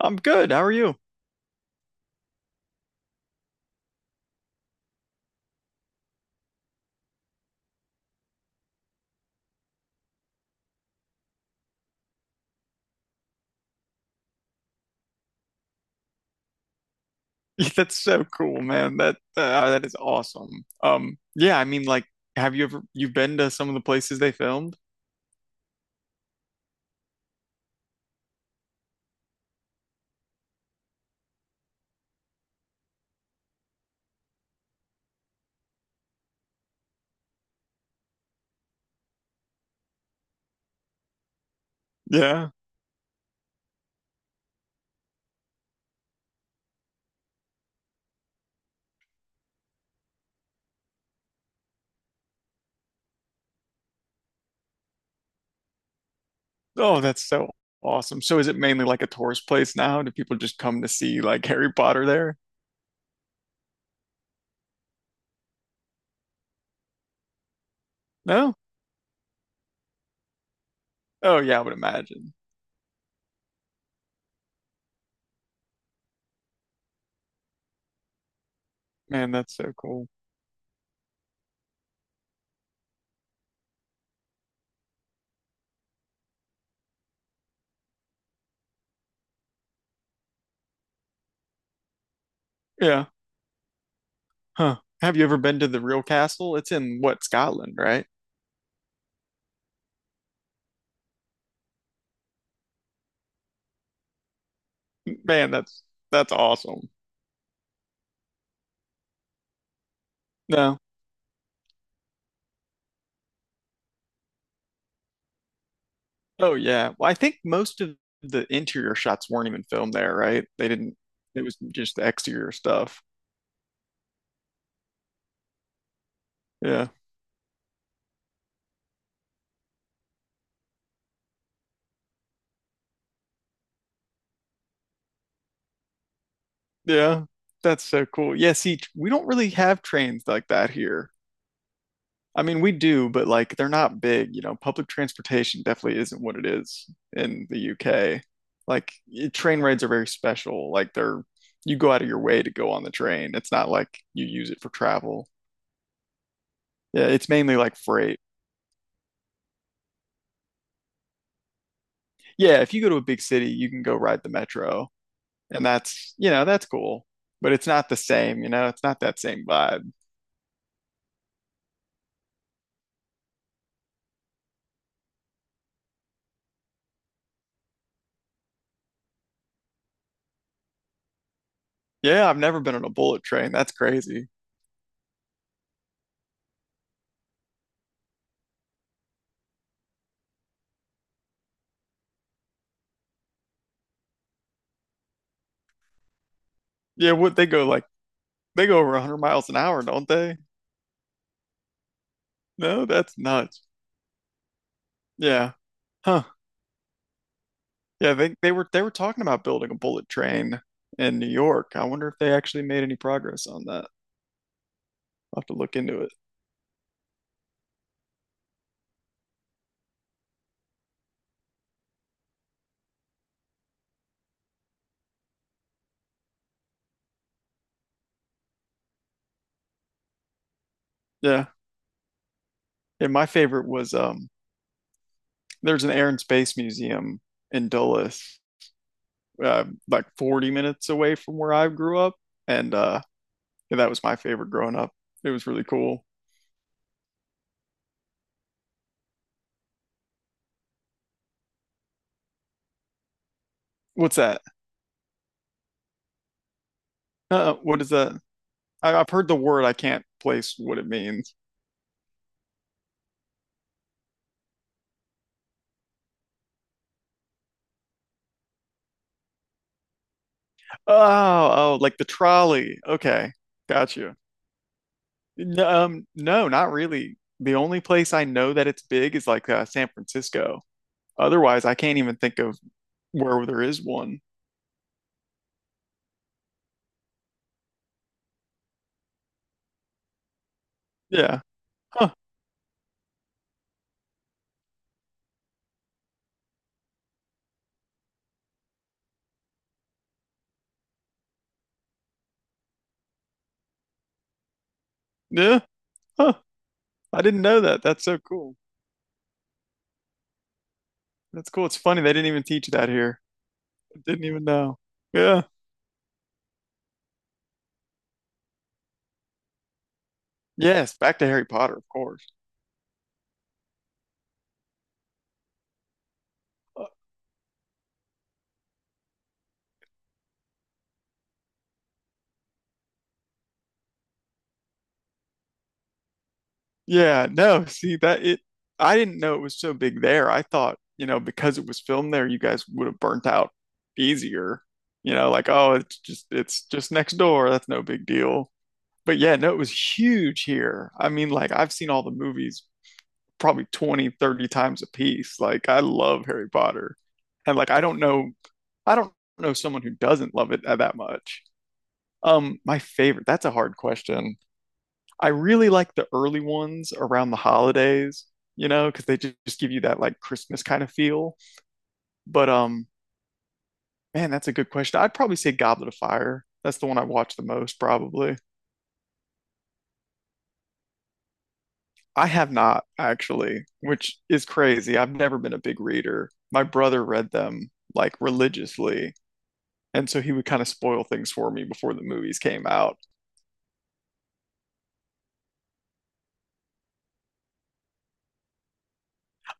I'm good. How are you? That's so cool, man. That is awesome. Yeah, I mean, like, have you ever you've been to some of the places they filmed? Yeah. Oh, that's so awesome. So is it mainly like a tourist place now? Do people just come to see like Harry Potter there? No? Oh yeah, I would imagine. Man, that's so cool. Yeah. Huh. Have you ever been to the real castle? It's in what, Scotland, right? Man, that's awesome. No. Oh yeah. Well, I think most of the interior shots weren't even filmed there, right? They didn't. It was just the exterior stuff. Yeah. Yeah. That's so cool. Yeah, see, we don't really have trains like that here. I mean, we do, but like they're not big, you know. Public transportation definitely isn't what it is in the UK. Like train rides are very special. Like they're you go out of your way to go on the train. It's not like you use it for travel. Yeah, it's mainly like freight. Yeah, if you go to a big city, you can go ride the metro. And that's, you know, that's cool, but it's not the same, you know, it's not that same vibe. Yeah, I've never been on a bullet train. That's crazy. Yeah, what they go like, they go over 100 miles an hour, don't they? No, that's nuts. Yeah. Huh. Yeah, they were talking about building a bullet train in New York. I wonder if they actually made any progress on that. I'll have to look into it. Yeah. Yeah, my favorite was there's an Air and Space Museum in Dulles, like 40 minutes away from where I grew up. And Yeah, that was my favorite growing up. It was really cool. What's that? What is that? I've heard the word. I can't place what it means. Oh, oh, like the trolley. Okay, got you. No, not really. The only place I know that it's big is like San Francisco. Otherwise, I can't even think of where there is one. Yeah. Huh. Yeah. Huh. I didn't know that. That's so cool. That's cool. It's funny they didn't even teach that here. I didn't even know. Yeah. Yes. Back to Harry Potter, of course. Yeah, no, see that it I didn't know it was so big there. I thought, you know, because it was filmed there, you guys would have burnt out easier. You know, like, oh, it's just next door. That's no big deal. But yeah, no, it was huge here. I mean, like I've seen all the movies probably 20, 30 times a piece. Like I love Harry Potter. And like I don't know someone who doesn't love it that much. My favorite, that's a hard question. I really like the early ones around the holidays, you know, because they just give you that like Christmas kind of feel. But man, that's a good question. I'd probably say Goblet of Fire. That's the one I watch the most, probably. I have not actually, which is crazy. I've never been a big reader. My brother read them like religiously, and so he would kind of spoil things for me before the movies came out.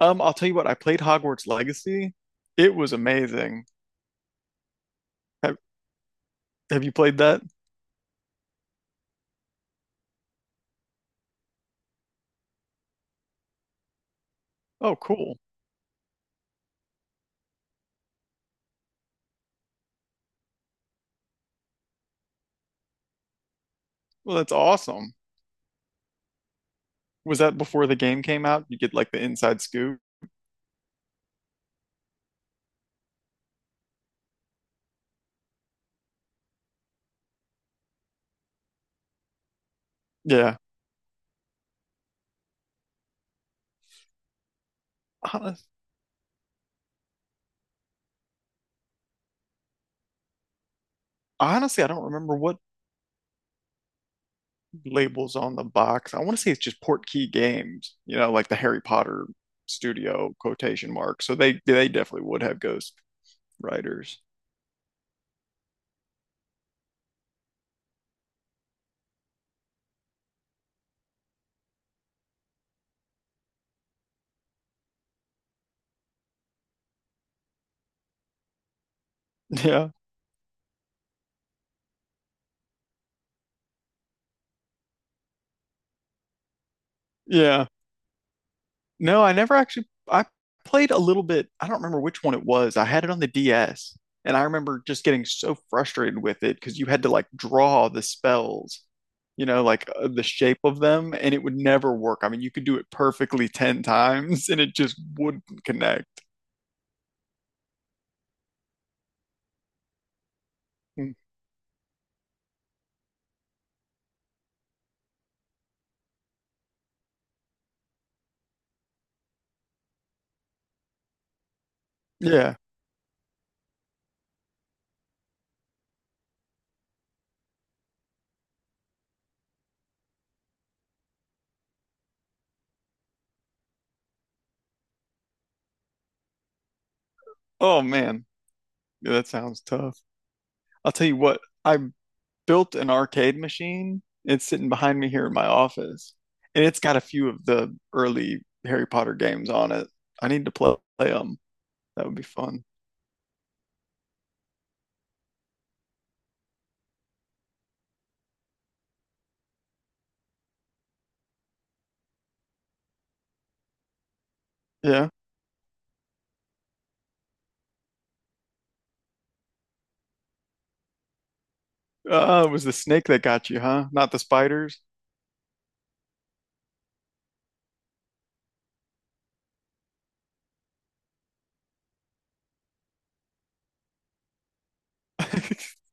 I'll tell you what, I played Hogwarts Legacy. It was amazing. Have have you played that? Oh, cool. Well, that's awesome. Was that before the game came out? You get like the inside scoop. Yeah. Hon- Honestly, I don't remember what labels on the box. I want to say it's just Portkey Games, you know, like the Harry Potter studio quotation mark. So they definitely would have ghost writers. Yeah. Yeah. No, I never actually I played a little bit. I don't remember which one it was. I had it on the DS and I remember just getting so frustrated with it because you had to like draw the spells, you know, like the shape of them and it would never work. I mean, you could do it perfectly 10 times and it just wouldn't connect. Mm. Yeah. Oh man. Yeah, that sounds tough. I'll tell you what. I built an arcade machine. It's sitting behind me here in my office, and it's got a few of the early Harry Potter games on it. I need to play them. That would be fun. Yeah. It was the snake that got you, huh? Not the spiders.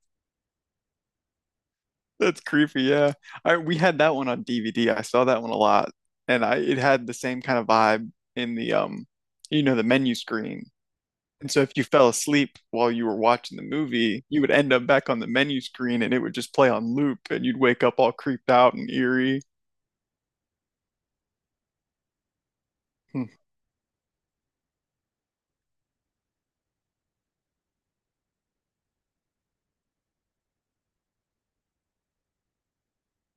That's creepy. Yeah. We had that one on DVD. I saw that one a lot, and I it had the same kind of vibe in the you know, the menu screen. And so if you fell asleep while you were watching the movie, you would end up back on the menu screen and it would just play on loop and you'd wake up all creeped out and eerie. Hmm.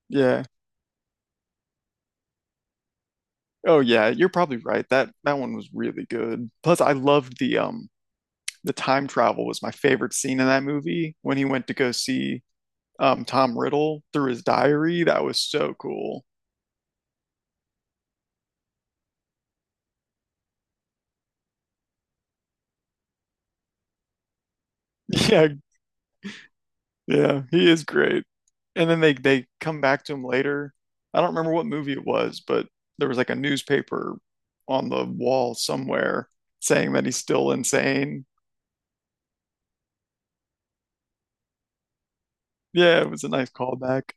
Yeah. Oh yeah, you're probably right. That one was really good. Plus I loved the time travel was my favorite scene in that movie when he went to go see Tom Riddle through his diary. That was so cool. Yeah, Yeah, he is great. And then they come back to him later. I don't remember what movie it was, but there was like a newspaper on the wall somewhere saying that he's still insane. Yeah, it was a nice callback.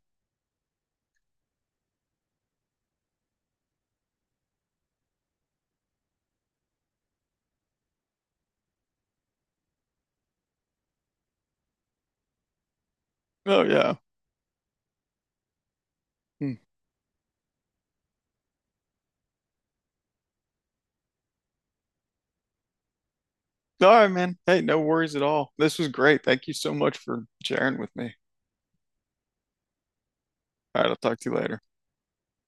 Oh yeah. Hmm. All right, man. Hey, no worries at all. This was great. Thank you so much for sharing with me. All right, I'll talk to you later.